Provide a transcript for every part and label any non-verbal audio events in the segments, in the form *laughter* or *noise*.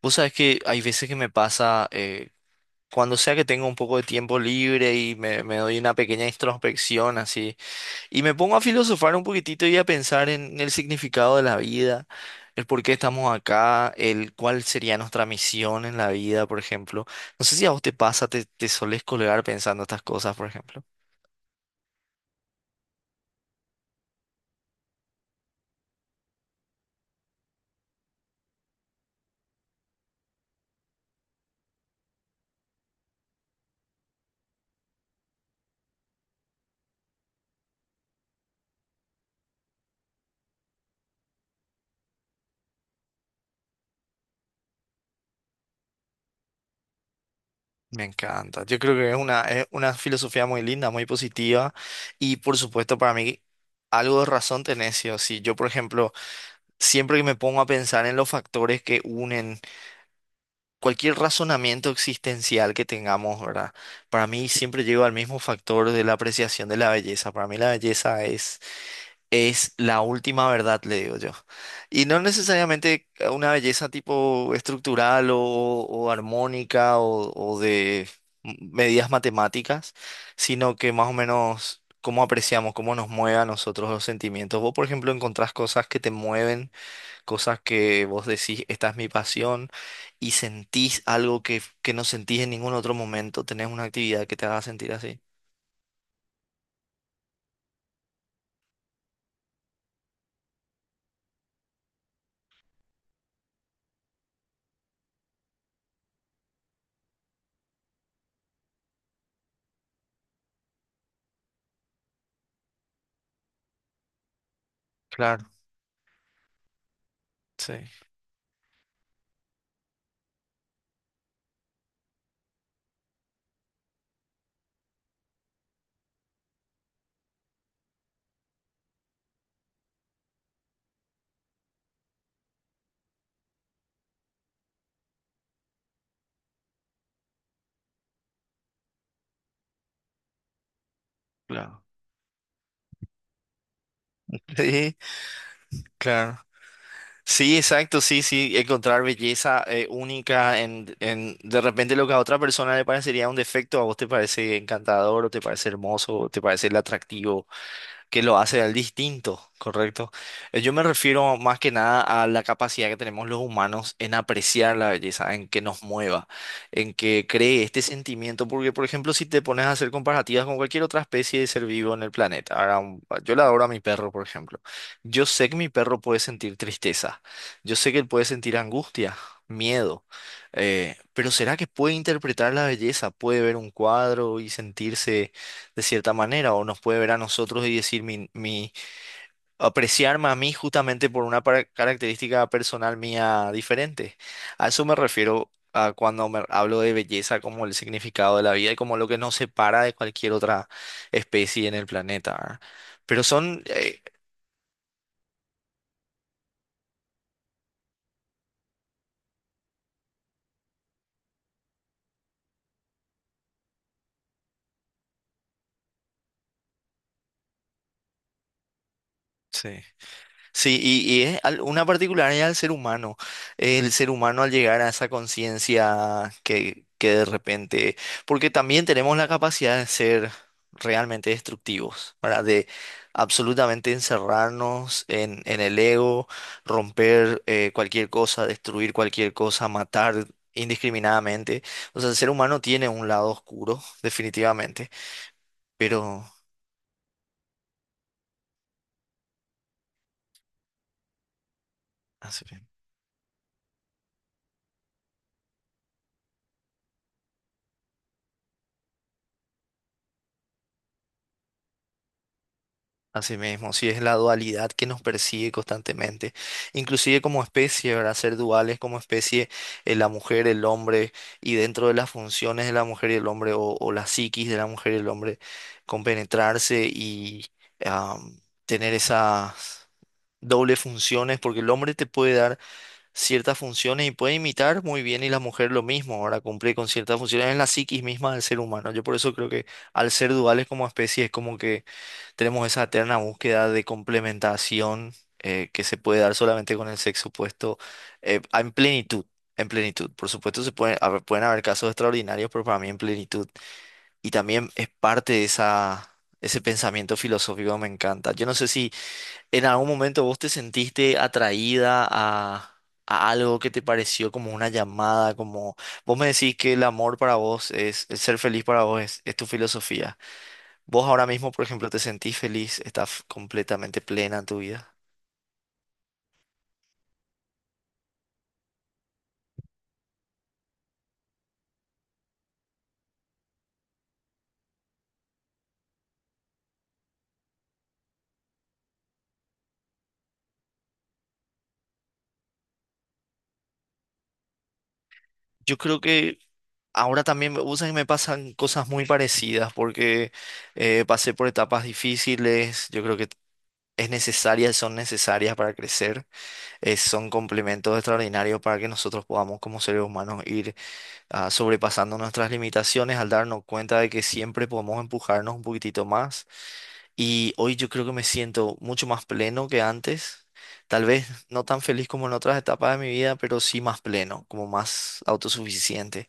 Vos sabés que hay veces que me pasa, cuando sea que tengo un poco de tiempo libre y me doy una pequeña introspección así, y me pongo a filosofar un poquitito y a pensar en el significado de la vida, el por qué estamos acá, el cuál sería nuestra misión en la vida, por ejemplo. No sé si a vos te pasa, te solés colgar pensando estas cosas, por ejemplo. Me encanta. Yo creo que es una filosofía muy linda, muy positiva, y por supuesto para mí. Algo de razón tenés, sí o sí. Yo, por ejemplo, siempre que me pongo a pensar en los factores que unen cualquier razonamiento existencial que tengamos, ¿verdad? Para mí siempre llego al mismo factor de la apreciación de la belleza. Para mí la belleza es la última verdad, le digo yo. Y no necesariamente una belleza tipo estructural o armónica o de medidas matemáticas, sino que más o menos cómo apreciamos, cómo nos mueve a nosotros los sentimientos. Vos, por ejemplo, encontrás cosas que te mueven cosas que vos decís, esta es mi pasión, y sentís algo que no sentís en ningún otro momento, tenés una actividad que te haga sentir así. Claro, sí. Claro. *laughs* Sí, claro. Sí, exacto, sí, sí, encontrar belleza única en de repente lo que a otra persona le parecería un defecto, a vos te parece encantador o te parece hermoso o te parece atractivo. Que lo hace al distinto, ¿correcto? Yo me refiero más que nada a la capacidad que tenemos los humanos en apreciar la belleza, en que nos mueva, en que cree este sentimiento, porque por ejemplo, si te pones a hacer comparativas con cualquier otra especie de ser vivo en el planeta, ahora, yo le adoro a mi perro, por ejemplo, yo sé que mi perro puede sentir tristeza, yo sé que él puede sentir angustia, miedo, pero ¿será que puede interpretar la belleza? ¿Puede ver un cuadro y sentirse de cierta manera, o nos puede ver a nosotros y decir mi apreciarme a mí justamente por una característica personal mía diferente? A eso me refiero a cuando me hablo de belleza como el significado de la vida y como lo que nos separa de cualquier otra especie en el planeta, ¿verdad? Pero son, sí. Sí, y es una particularidad del ser humano. El ser humano al llegar a esa conciencia que de repente, porque también tenemos la capacidad de ser realmente destructivos, ¿verdad? De absolutamente encerrarnos en el ego, romper cualquier cosa, destruir cualquier cosa, matar indiscriminadamente. O sea, el ser humano tiene un lado oscuro, definitivamente, pero. Ah, sí. Así mismo, sí es la dualidad que nos persigue constantemente, inclusive como especie, ¿verdad? Ser duales como especie, la mujer, el hombre, y dentro de las funciones de la mujer y el hombre, o la psiquis de la mujer y el hombre, compenetrarse y am, tener esas dobles funciones, porque el hombre te puede dar ciertas funciones y puede imitar muy bien, y la mujer lo mismo, ahora cumple con ciertas funciones en la psiquis misma del ser humano. Yo por eso creo que al ser duales como especie es como que tenemos esa eterna búsqueda de complementación que se puede dar solamente con el sexo opuesto, en plenitud. En plenitud. Por supuesto, pueden haber casos extraordinarios, pero para mí en plenitud. Y también es parte de ese pensamiento filosófico que me encanta. Yo no sé si en algún momento vos te sentiste atraída a algo que te pareció como una llamada, como vos me decís que el amor para vos es, el ser feliz para vos es tu filosofía. Vos ahora mismo, por ejemplo, te sentís feliz, estás completamente plena en tu vida. Yo creo que ahora también, vos sabés que me pasan cosas muy parecidas porque pasé por etapas difíciles. Yo creo que son necesarias para crecer. Son complementos extraordinarios para que nosotros podamos, como seres humanos, ir sobrepasando nuestras limitaciones al darnos cuenta de que siempre podemos empujarnos un poquitito más. Y hoy yo creo que me siento mucho más pleno que antes. Tal vez no tan feliz como en otras etapas de mi vida, pero sí más pleno, como más autosuficiente,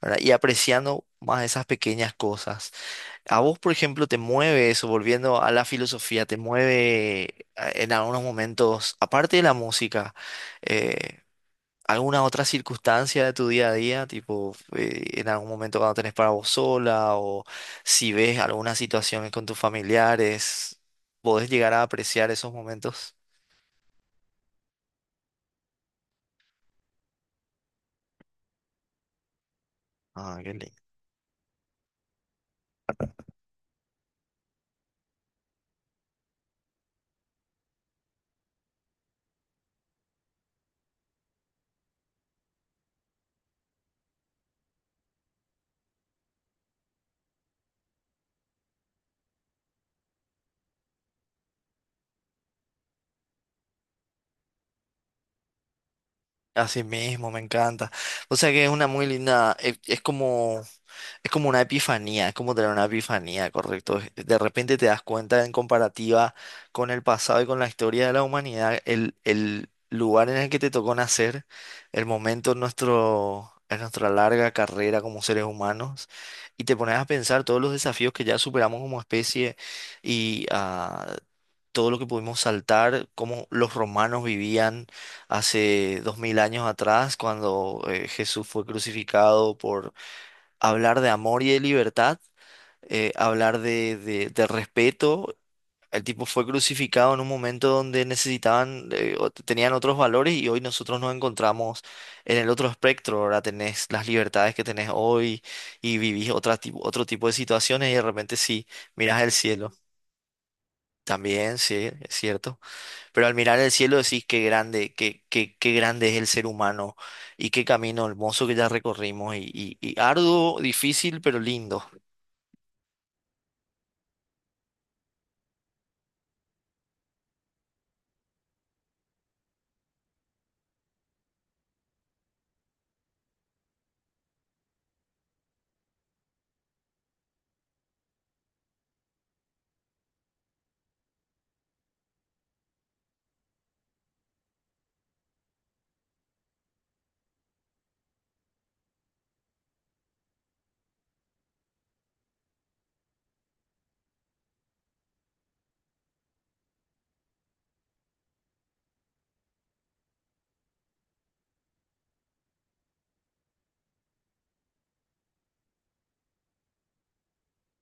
¿verdad? Y apreciando más esas pequeñas cosas. A vos, por ejemplo, te mueve eso, volviendo a la filosofía, te mueve en algunos momentos, aparte de la música, eh, alguna otra circunstancia de tu día a día, tipo en algún momento cuando tenés para vos sola o si ves alguna situación con tus familiares, podés llegar a apreciar esos momentos. Ah, qué lindo. Así mismo, me encanta. O sea que es una muy linda, es como una epifanía, es como tener una epifanía, correcto. De repente te das cuenta en comparativa con el pasado y con la historia de la humanidad, el lugar en el que te tocó nacer, el momento en nuestra larga carrera como seres humanos, y te pones a pensar todos los desafíos que ya superamos como especie y todo lo que pudimos saltar, cómo los romanos vivían hace 2000 años atrás, cuando Jesús fue crucificado por hablar de amor y de libertad, hablar de respeto. El tipo fue crucificado en un momento donde necesitaban, o tenían otros valores y hoy nosotros nos encontramos en el otro espectro. Ahora tenés las libertades que tenés hoy y vivís otro tipo de situaciones y de repente sí, mirás el cielo. También, sí, es cierto. Pero al mirar el cielo decís qué grande, qué grande es el ser humano y qué camino hermoso que ya recorrimos y arduo, difícil, pero lindo.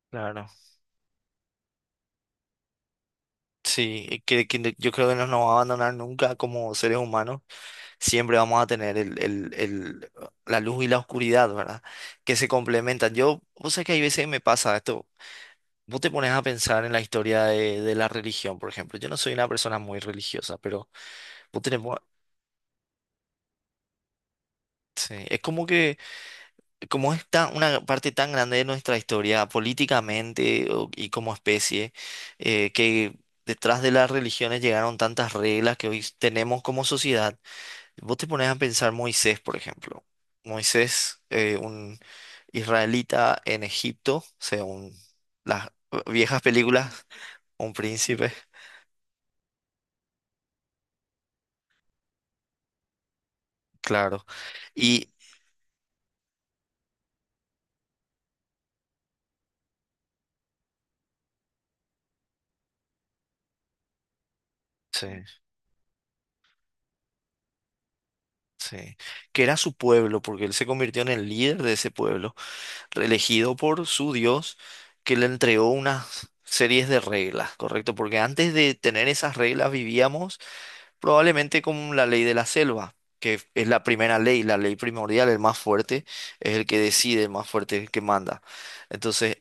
Claro, sí, y que yo creo que no nos va a abandonar nunca como seres humanos, siempre vamos a tener la luz y la oscuridad, ¿verdad? Que se complementan. Vos sabés que hay veces que me pasa esto, vos te pones a pensar en la historia de la religión, por ejemplo, yo no soy una persona muy religiosa, pero vos tenés, sí, es como que como es una parte tan grande de nuestra historia políticamente y como especie, que detrás de las religiones llegaron tantas reglas que hoy tenemos como sociedad, vos te pones a pensar Moisés, por ejemplo. Moisés, un israelita en Egipto, según las viejas películas, un príncipe, claro. Y sí, sí, que era su pueblo, porque él se convirtió en el líder de ese pueblo, elegido por su Dios, que le entregó unas series de reglas, ¿correcto? Porque antes de tener esas reglas vivíamos probablemente con la ley de la selva, que es la primera ley, la ley primordial, el más fuerte es el que decide, el más fuerte es el que manda. Entonces,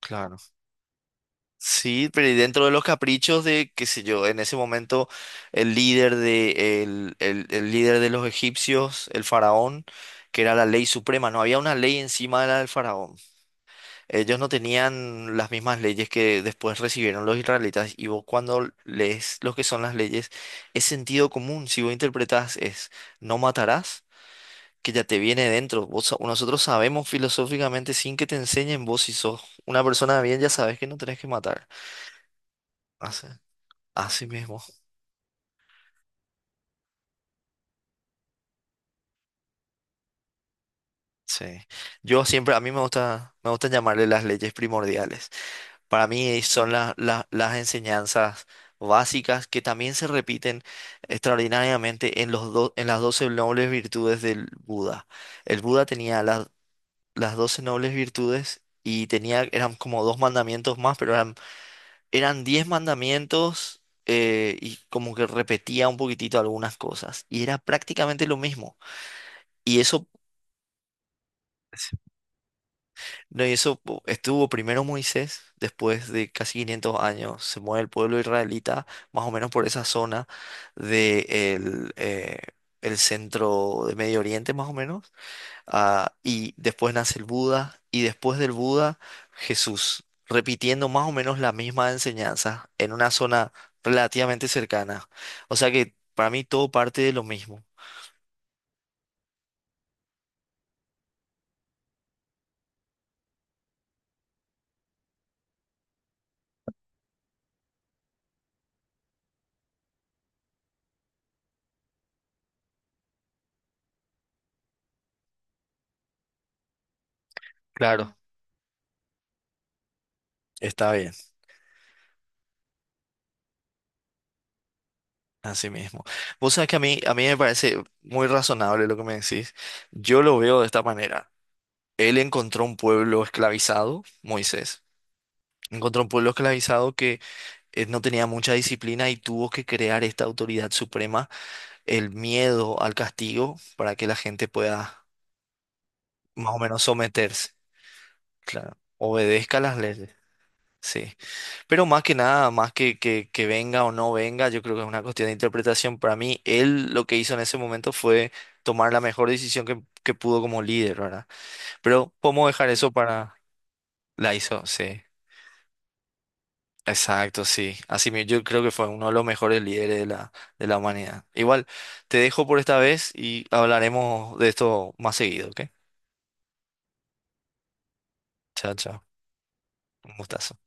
claro. Sí, pero y dentro de los caprichos de, qué sé yo, en ese momento el líder de los egipcios, el faraón, que era la ley suprema, no había una ley encima de la del faraón. Ellos no tenían las mismas leyes que después recibieron los israelitas y vos cuando lees lo que son las leyes es sentido común. Si vos interpretás es no matarás, que ya te viene dentro. Nosotros sabemos filosóficamente sin que te enseñen vos si sos una persona de bien ya sabes que no tenés que matar. Así, así mismo. Sí. Yo siempre, a mí me gusta, llamarle las leyes primordiales. Para mí son las enseñanzas básicas que también se repiten extraordinariamente en en las 12 nobles virtudes del Buda. El Buda tenía las doce nobles virtudes y tenía, eran como dos mandamientos más, pero eran 10 mandamientos, y como que repetía un poquitito algunas cosas. Y era prácticamente lo mismo. Y eso. No, y eso estuvo primero Moisés, después de casi 500 años, se mueve el pueblo israelita, más o menos por esa zona de el centro de Medio Oriente, más o menos, y después nace el Buda, y después del Buda, Jesús, repitiendo más o menos la misma enseñanza en una zona relativamente cercana. O sea que para mí todo parte de lo mismo. Claro, está bien. Así mismo. Vos sabés que a mí me parece muy razonable lo que me decís. Yo lo veo de esta manera. Él encontró un pueblo esclavizado, Moisés. Encontró un pueblo esclavizado que no tenía mucha disciplina y tuvo que crear esta autoridad suprema, el miedo al castigo, para que la gente pueda más o menos someterse. Claro. Obedezca las leyes. Sí. Pero más que nada, más que venga o no venga, yo creo que es una cuestión de interpretación. Para mí, él lo que hizo en ese momento fue tomar la mejor decisión que pudo como líder, ¿verdad? Pero podemos dejar eso para. La hizo, sí. Exacto, sí. Así mismo, yo creo que fue uno de los mejores líderes de la humanidad. Igual, te dejo por esta vez y hablaremos de esto más seguido, ¿ok? Chao, chao. Un gustazo.